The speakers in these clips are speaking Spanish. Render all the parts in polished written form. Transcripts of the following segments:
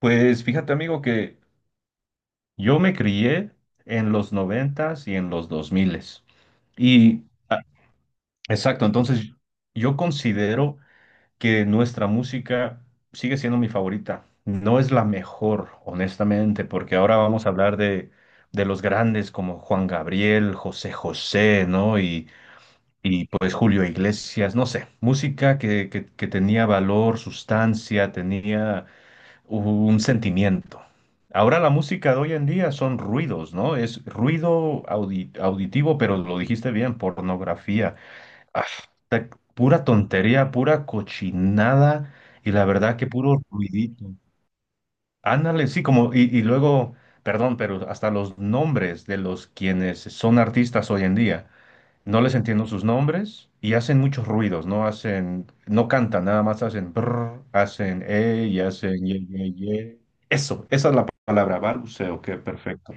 Pues fíjate, amigo, que yo me crié en los noventas y en los dos miles. Y exacto, entonces yo considero que nuestra música sigue siendo mi favorita. No es la mejor, honestamente, porque ahora vamos a hablar de los grandes como Juan Gabriel, José José, ¿no? Y pues Julio Iglesias, no sé, música que tenía valor, sustancia, tenía un sentimiento. Ahora la música de hoy en día son ruidos, ¿no? Es ruido auditivo, pero lo dijiste bien, pornografía. Ah, ta- Pura tontería, pura cochinada y la verdad que puro ruidito. Ándale, sí, como, y luego, perdón, pero hasta los nombres de los quienes son artistas hoy en día. No les entiendo sus nombres y hacen muchos ruidos, no hacen, no cantan, nada más hacen brr, hacen y hacen ye, ye, ye. Eso, esa es la palabra, balbuceo, qué perfecto.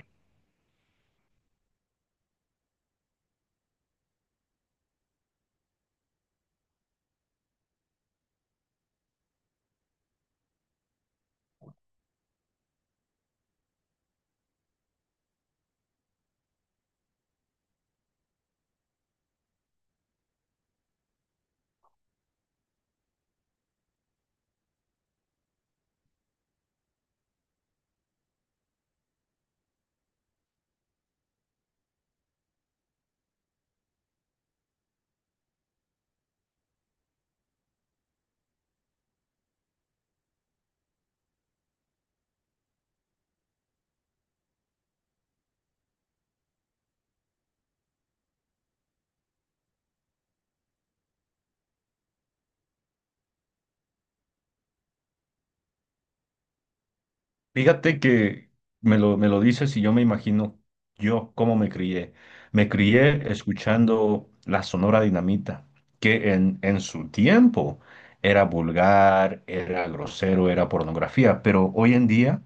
Fíjate que me lo dices y yo me imagino yo cómo me crié. Me crié escuchando la Sonora Dinamita, que en su tiempo era vulgar, era grosero, era pornografía, pero hoy en día,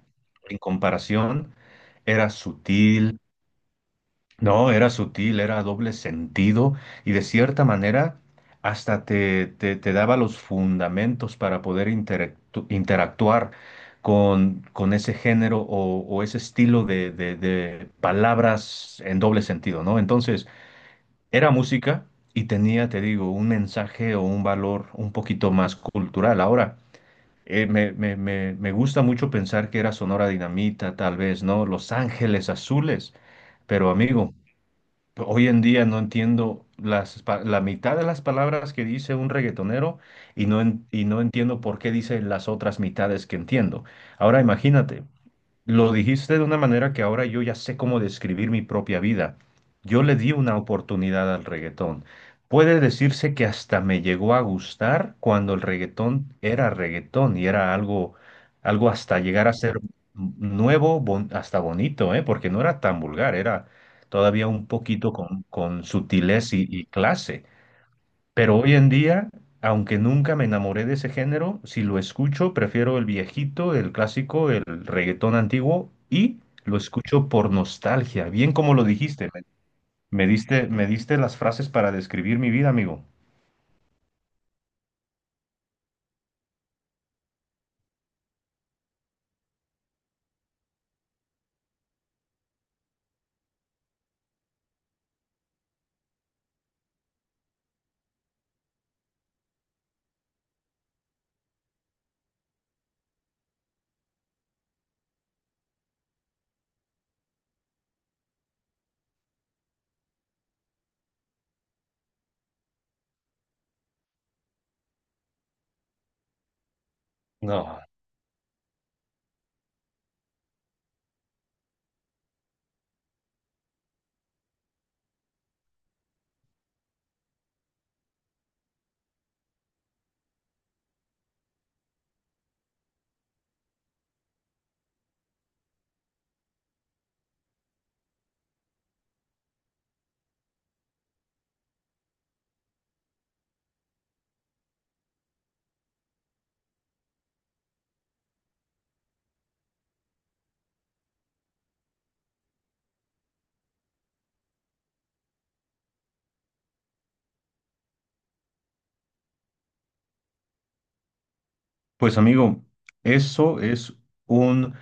en comparación, era sutil. No, era sutil, era doble sentido y de cierta manera hasta te daba los fundamentos para poder interactuar con ese género o ese estilo de, de palabras en doble sentido, ¿no? Entonces, era música y tenía, te digo, un mensaje o un valor un poquito más cultural. Ahora, me gusta mucho pensar que era Sonora Dinamita, tal vez, ¿no? Los Ángeles Azules, pero amigo. Hoy en día no entiendo las, la mitad de las palabras que dice un reggaetonero y no, y no entiendo por qué dice las otras mitades que entiendo. Ahora imagínate, lo dijiste de una manera que ahora yo ya sé cómo describir mi propia vida. Yo le di una oportunidad al reggaetón. Puede decirse que hasta me llegó a gustar cuando el reggaetón era reggaetón y era algo, algo hasta llegar a ser nuevo, hasta bonito, ¿eh? Porque no era tan vulgar, era todavía un poquito con sutilez y clase. Pero hoy en día, aunque nunca me enamoré de ese género, si lo escucho, prefiero el viejito, el clásico, el reggaetón antiguo y lo escucho por nostalgia, bien como lo dijiste. Me diste las frases para describir mi vida, amigo. No. Pues amigo, eso es un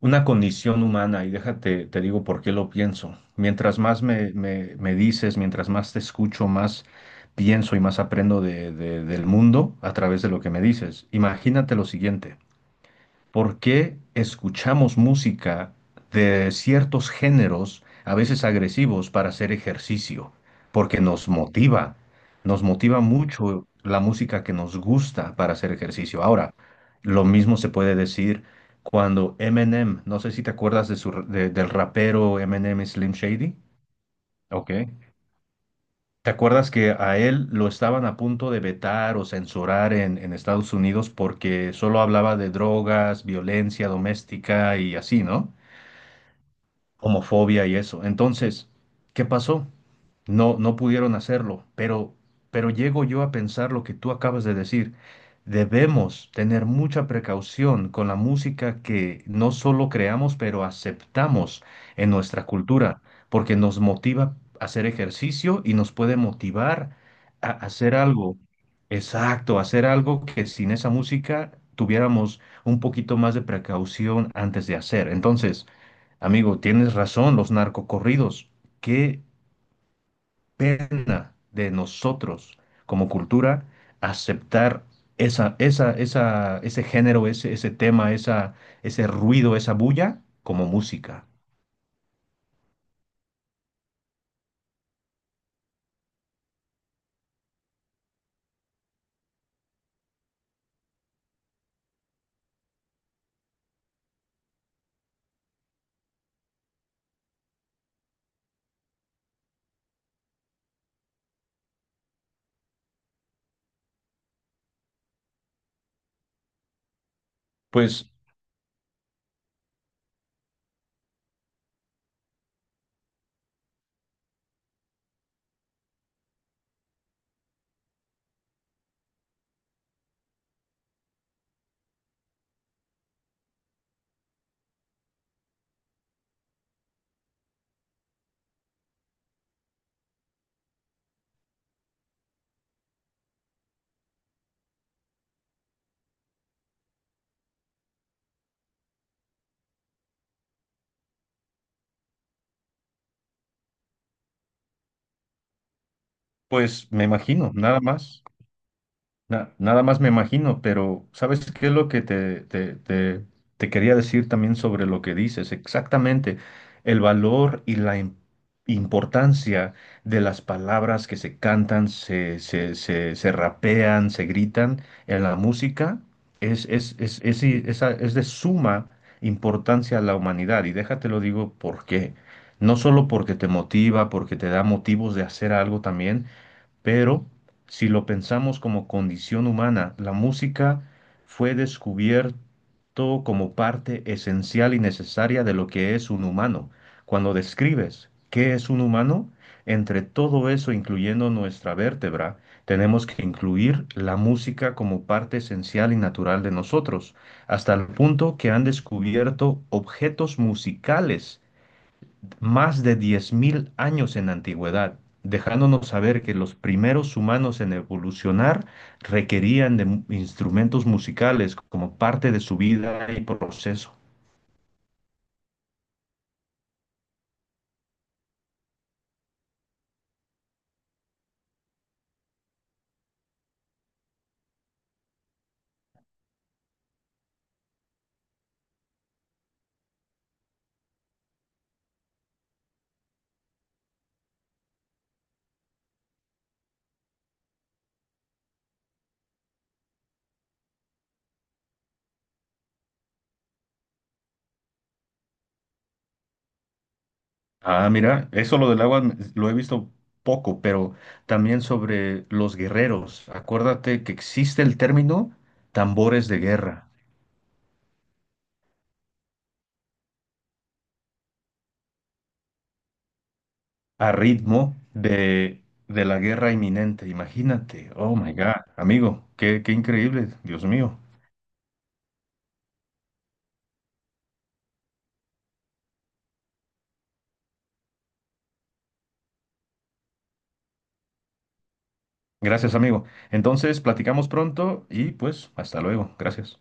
una condición humana y déjate, te digo por qué lo pienso. Mientras más me dices, mientras más te escucho, más pienso y más aprendo del mundo a través de lo que me dices. Imagínate lo siguiente. ¿Por qué escuchamos música de ciertos géneros, a veces agresivos, para hacer ejercicio? Porque nos motiva mucho la música que nos gusta para hacer ejercicio. Ahora, lo mismo se puede decir cuando Eminem, no sé si te acuerdas de su, del rapero Eminem Slim Shady. Ok. ¿Te acuerdas que a él lo estaban a punto de vetar o censurar en Estados Unidos porque solo hablaba de drogas, violencia doméstica y así, ¿no? Homofobia y eso. Entonces, ¿qué pasó? No, no pudieron hacerlo, pero llego yo a pensar lo que tú acabas de decir. Debemos tener mucha precaución con la música que no solo creamos, pero aceptamos en nuestra cultura, porque nos motiva a hacer ejercicio y nos puede motivar a hacer algo. Exacto, hacer algo que sin esa música tuviéramos un poquito más de precaución antes de hacer. Entonces, amigo, tienes razón, los narcocorridos. Qué pena de nosotros como cultura aceptar ese género, ese tema, ese ruido, esa bulla como música. Pues, pues me imagino, nada más. Nada más me imagino, pero ¿sabes qué es lo que te quería decir también sobre lo que dices? Exactamente, el valor y la importancia de las palabras que se cantan, se rapean, se gritan en la música es, es de suma importancia a la humanidad. Y déjate lo digo por qué. No solo porque te motiva, porque te da motivos de hacer algo también, pero si lo pensamos como condición humana, la música fue descubierto como parte esencial y necesaria de lo que es un humano. Cuando describes qué es un humano, entre todo eso, incluyendo nuestra vértebra, tenemos que incluir la música como parte esencial y natural de nosotros, hasta el punto que han descubierto objetos musicales más de 10.000 años en antigüedad, dejándonos saber que los primeros humanos en evolucionar requerían de instrumentos musicales como parte de su vida y proceso. Ah, mira, eso lo del agua lo he visto poco, pero también sobre los guerreros. Acuérdate que existe el término tambores de guerra, a ritmo de la guerra inminente. Imagínate, oh my God, amigo, qué, qué increíble, Dios mío. Gracias, amigo. Entonces, platicamos pronto y pues hasta luego. Gracias.